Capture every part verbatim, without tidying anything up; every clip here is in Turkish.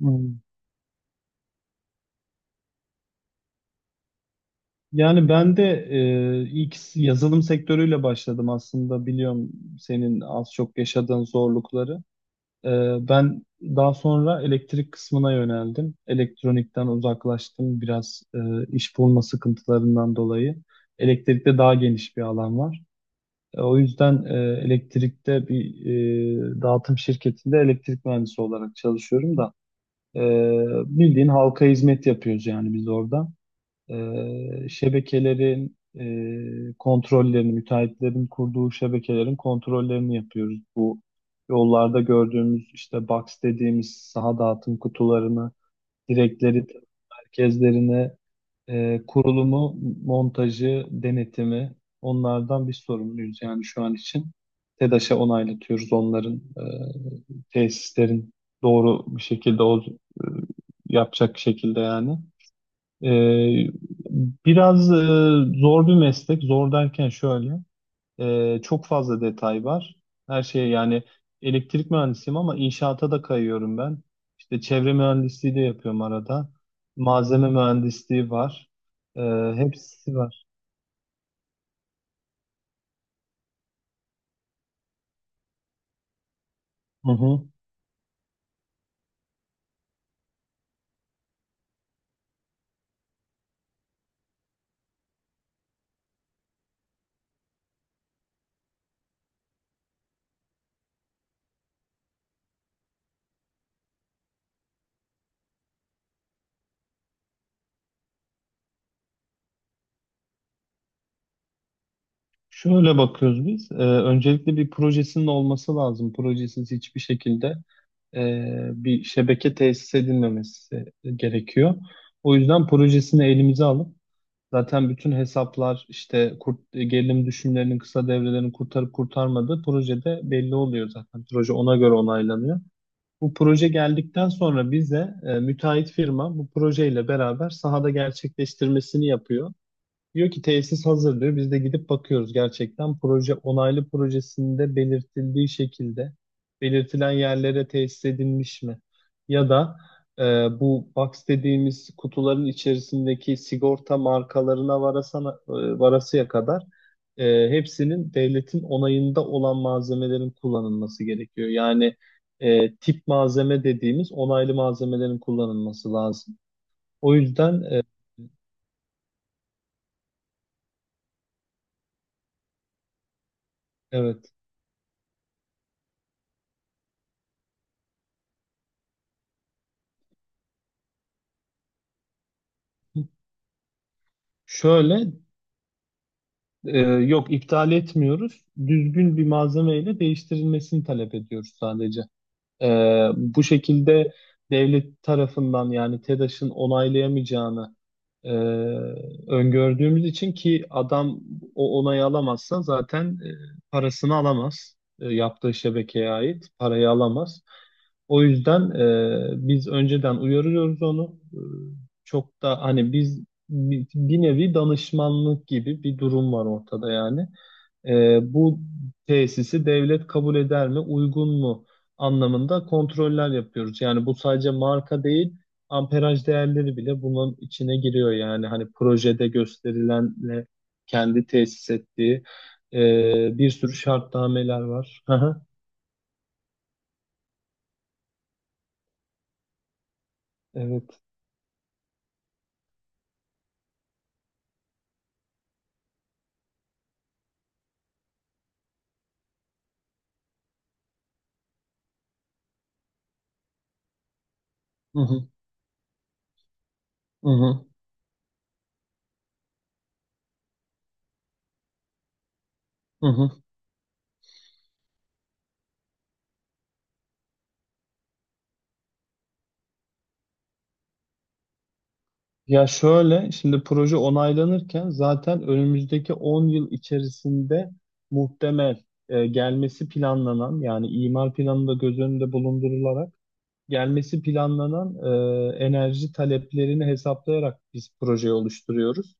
Hmm. Yani ben de e, ilk yazılım sektörüyle başladım aslında biliyorum senin az çok yaşadığın zorlukları. E, Ben daha sonra elektrik kısmına yöneldim. Elektronikten uzaklaştım biraz e, iş bulma sıkıntılarından dolayı. Elektrikte daha geniş bir alan var. E, o yüzden e, elektrikte bir e, dağıtım şirketinde elektrik mühendisi olarak çalışıyorum da e, bildiğin halka hizmet yapıyoruz yani biz orada. E, şebekelerin e, kontrollerini, müteahhitlerin kurduğu şebekelerin kontrollerini yapıyoruz. Bu yollarda gördüğümüz işte box dediğimiz saha dağıtım kutularını, direkleri, merkezlerini, e, kurulumu, montajı, denetimi onlardan biz sorumluyuz yani şu an için. TEDAŞ'a onaylatıyoruz onların e, tesislerin doğru bir şekilde o, e, yapacak şekilde yani. Ee, Biraz e, zor bir meslek. Zor derken şöyle, e, çok fazla detay var. Her şey yani elektrik mühendisiyim ama inşaata da kayıyorum ben. İşte çevre mühendisliği de yapıyorum arada. Malzeme mühendisliği var. Ee, Hepsi var. Hı hı. Şöyle bakıyoruz biz. Ee, öncelikle bir projesinin olması lazım. Projesiz hiçbir şekilde e, bir şebeke tesis edilmemesi gerekiyor. O yüzden projesini elimize alıp zaten bütün hesaplar işte kurt, gerilim düşümlerinin kısa devrelerini kurtarıp kurtarmadığı projede belli oluyor zaten. Proje ona göre onaylanıyor. Bu proje geldikten sonra bize e, müteahhit firma bu projeyle beraber sahada gerçekleştirmesini yapıyor. Diyor ki tesis hazır diyor. Biz de gidip bakıyoruz gerçekten. Proje onaylı projesinde belirtildiği şekilde belirtilen yerlere tesis edilmiş mi? Ya da e, bu box dediğimiz kutuların içerisindeki sigorta markalarına varasana, e, varasıya kadar e, hepsinin devletin onayında olan malzemelerin kullanılması gerekiyor. Yani e, tip malzeme dediğimiz onaylı malzemelerin kullanılması lazım. O yüzden e, evet. Şöyle Ee, yok iptal etmiyoruz. Düzgün bir malzemeyle değiştirilmesini talep ediyoruz sadece. Ee, bu şekilde devlet tarafından yani TEDAŞ'ın onaylayamayacağını e, öngördüğümüz için ki adam o onayı alamazsa zaten e, parasını alamaz. E, yaptığı şebekeye ait parayı alamaz. O yüzden e, biz önceden uyarıyoruz onu. E, çok da hani biz bi- bir nevi danışmanlık gibi bir durum var ortada yani. E, bu tesisi devlet kabul eder mi, uygun mu anlamında kontroller yapıyoruz. Yani bu sadece marka değil, amperaj değerleri bile bunun içine giriyor. Yani hani projede gösterilenle kendi tesis ettiği e, bir sürü şartnameler var. Hı hı, evet. Hı hı, hı hı, hı hı. Ya şöyle, şimdi proje onaylanırken zaten önümüzdeki on yıl içerisinde muhtemel e, gelmesi planlanan yani imar planında göz önünde bulundurularak gelmesi planlanan e, enerji taleplerini hesaplayarak biz projeyi oluşturuyoruz.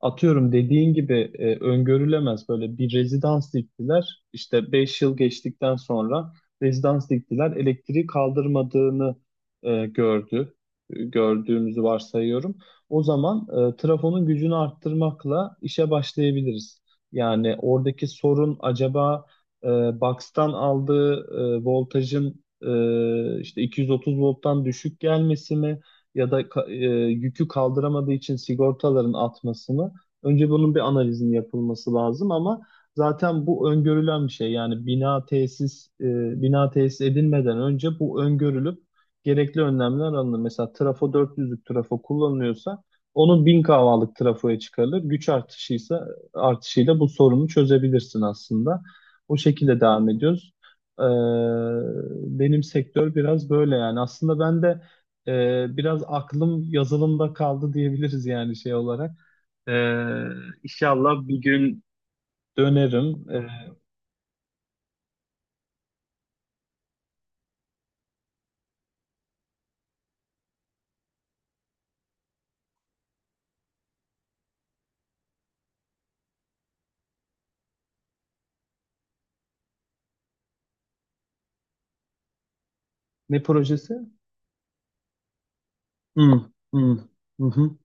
Atıyorum dediğin gibi e, öngörülemez böyle bir rezidans diktiler. İşte beş yıl geçtikten sonra rezidans diktiler. Elektriği kaldırmadığını e, gördü. E, Gördüğümüzü varsayıyorum. O zaman e, trafonun gücünü arttırmakla işe başlayabiliriz. Yani oradaki sorun acaba e, box'tan aldığı e, voltajın e, işte iki yüz otuz volttan düşük gelmesi mi? Ya da ka- e, yükü kaldıramadığı için sigortaların atmasını. Önce bunun bir analizin yapılması lazım ama zaten bu öngörülen bir şey. Yani bina tesis e, bina tesis edilmeden önce bu öngörülüp gerekli önlemler alınır. Mesela trafo dört yüzlük trafo kullanılıyorsa onun bin kavalık trafoya çıkarılır. Güç artışıysa artışıyla bu sorunu çözebilirsin aslında. O şekilde devam ediyoruz. Ee, Benim sektör biraz böyle yani. Aslında ben de e, biraz aklım yazılımda kaldı diyebiliriz yani şey olarak. Ee, inşallah bir gün dönerim. Ee, ne projesi? Hı, hı, hı hı.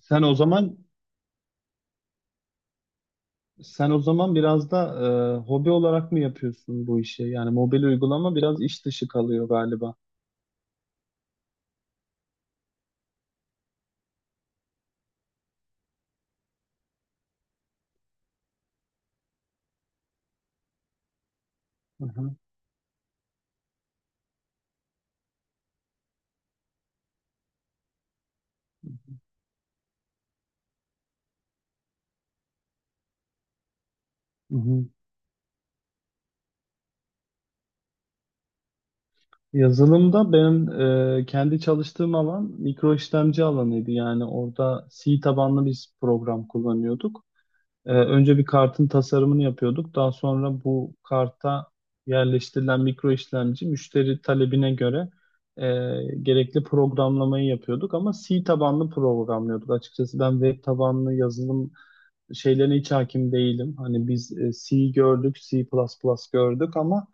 Sen o zaman sen o zaman biraz da e, hobi olarak mı yapıyorsun bu işi? Yani mobil uygulama biraz iş dışı kalıyor galiba. Hı hı, hı hı. Yazılımda benim e, kendi çalıştığım alan mikro işlemci alanıydı. Yani orada C tabanlı biz program kullanıyorduk. Ee, önce bir kartın tasarımını yapıyorduk. Daha sonra bu karta yerleştirilen mikro işlemci müşteri talebine göre e, gerekli programlamayı yapıyorduk. Ama C tabanlı programlıyorduk. Açıkçası ben web tabanlı yazılım şeylerine hiç hakim değilim. Hani biz e, C gördük, C++ gördük ama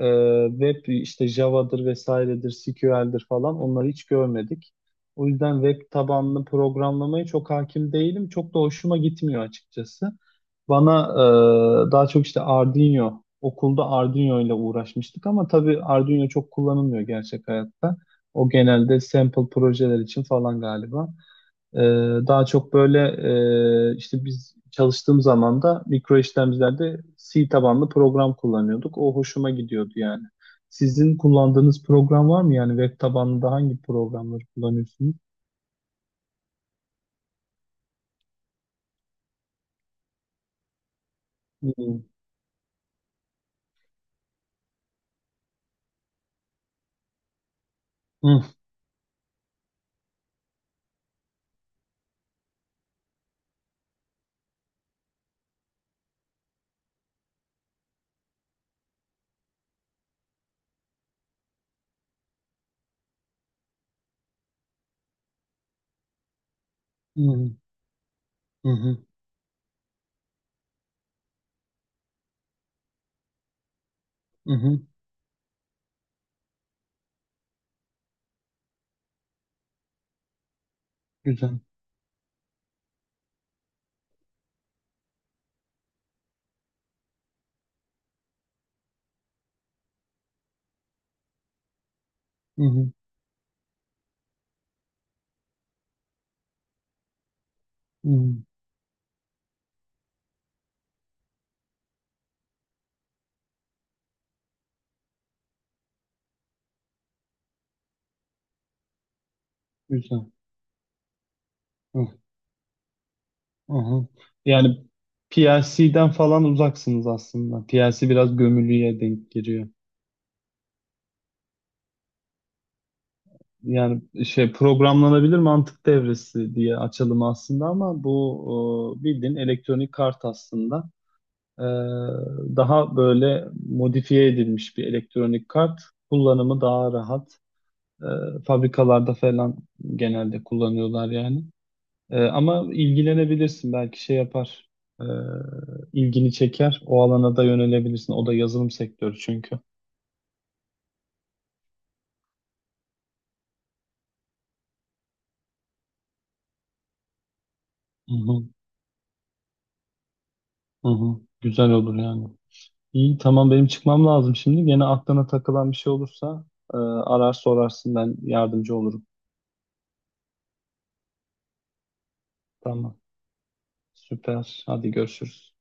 e, web işte Java'dır vesairedir, S Q L'dir falan onları hiç görmedik. O yüzden web tabanlı programlamaya çok hakim değilim. Çok da hoşuma gitmiyor açıkçası. Bana e, daha çok işte Arduino, okulda Arduino ile uğraşmıştık ama tabii Arduino çok kullanılmıyor gerçek hayatta. O genelde sample projeler için falan galiba. E, Daha çok böyle e, işte biz çalıştığım zaman da mikro işlemcilerde C tabanlı program kullanıyorduk. O hoşuma gidiyordu yani. Sizin kullandığınız program var mı? Yani web tabanlı da hangi programları kullanıyorsunuz? Hı hı hı hı hı hı. Güzel. Hı hı hı. Güzel. Hı hı hı. Yani P L C'den falan uzaksınız aslında. P L C biraz gömülüye denk giriyor. Yani şey programlanabilir mantık devresi diye açalım aslında ama bu e, bildiğin elektronik kart aslında. E, Daha böyle modifiye edilmiş bir elektronik kart. Kullanımı daha rahat. E, Fabrikalarda falan genelde kullanıyorlar yani. Ee, ama ilgilenebilirsin belki şey yapar. Ee, ilgini çeker. O alana da yönelebilirsin. O da yazılım sektörü çünkü. Hı hı, hı hı. Güzel olur yani. İyi tamam benim çıkmam lazım şimdi. Gene aklına takılan bir şey olursa e, arar sorarsın ben yardımcı olurum. Tamam. Süper. Hadi görüşürüz.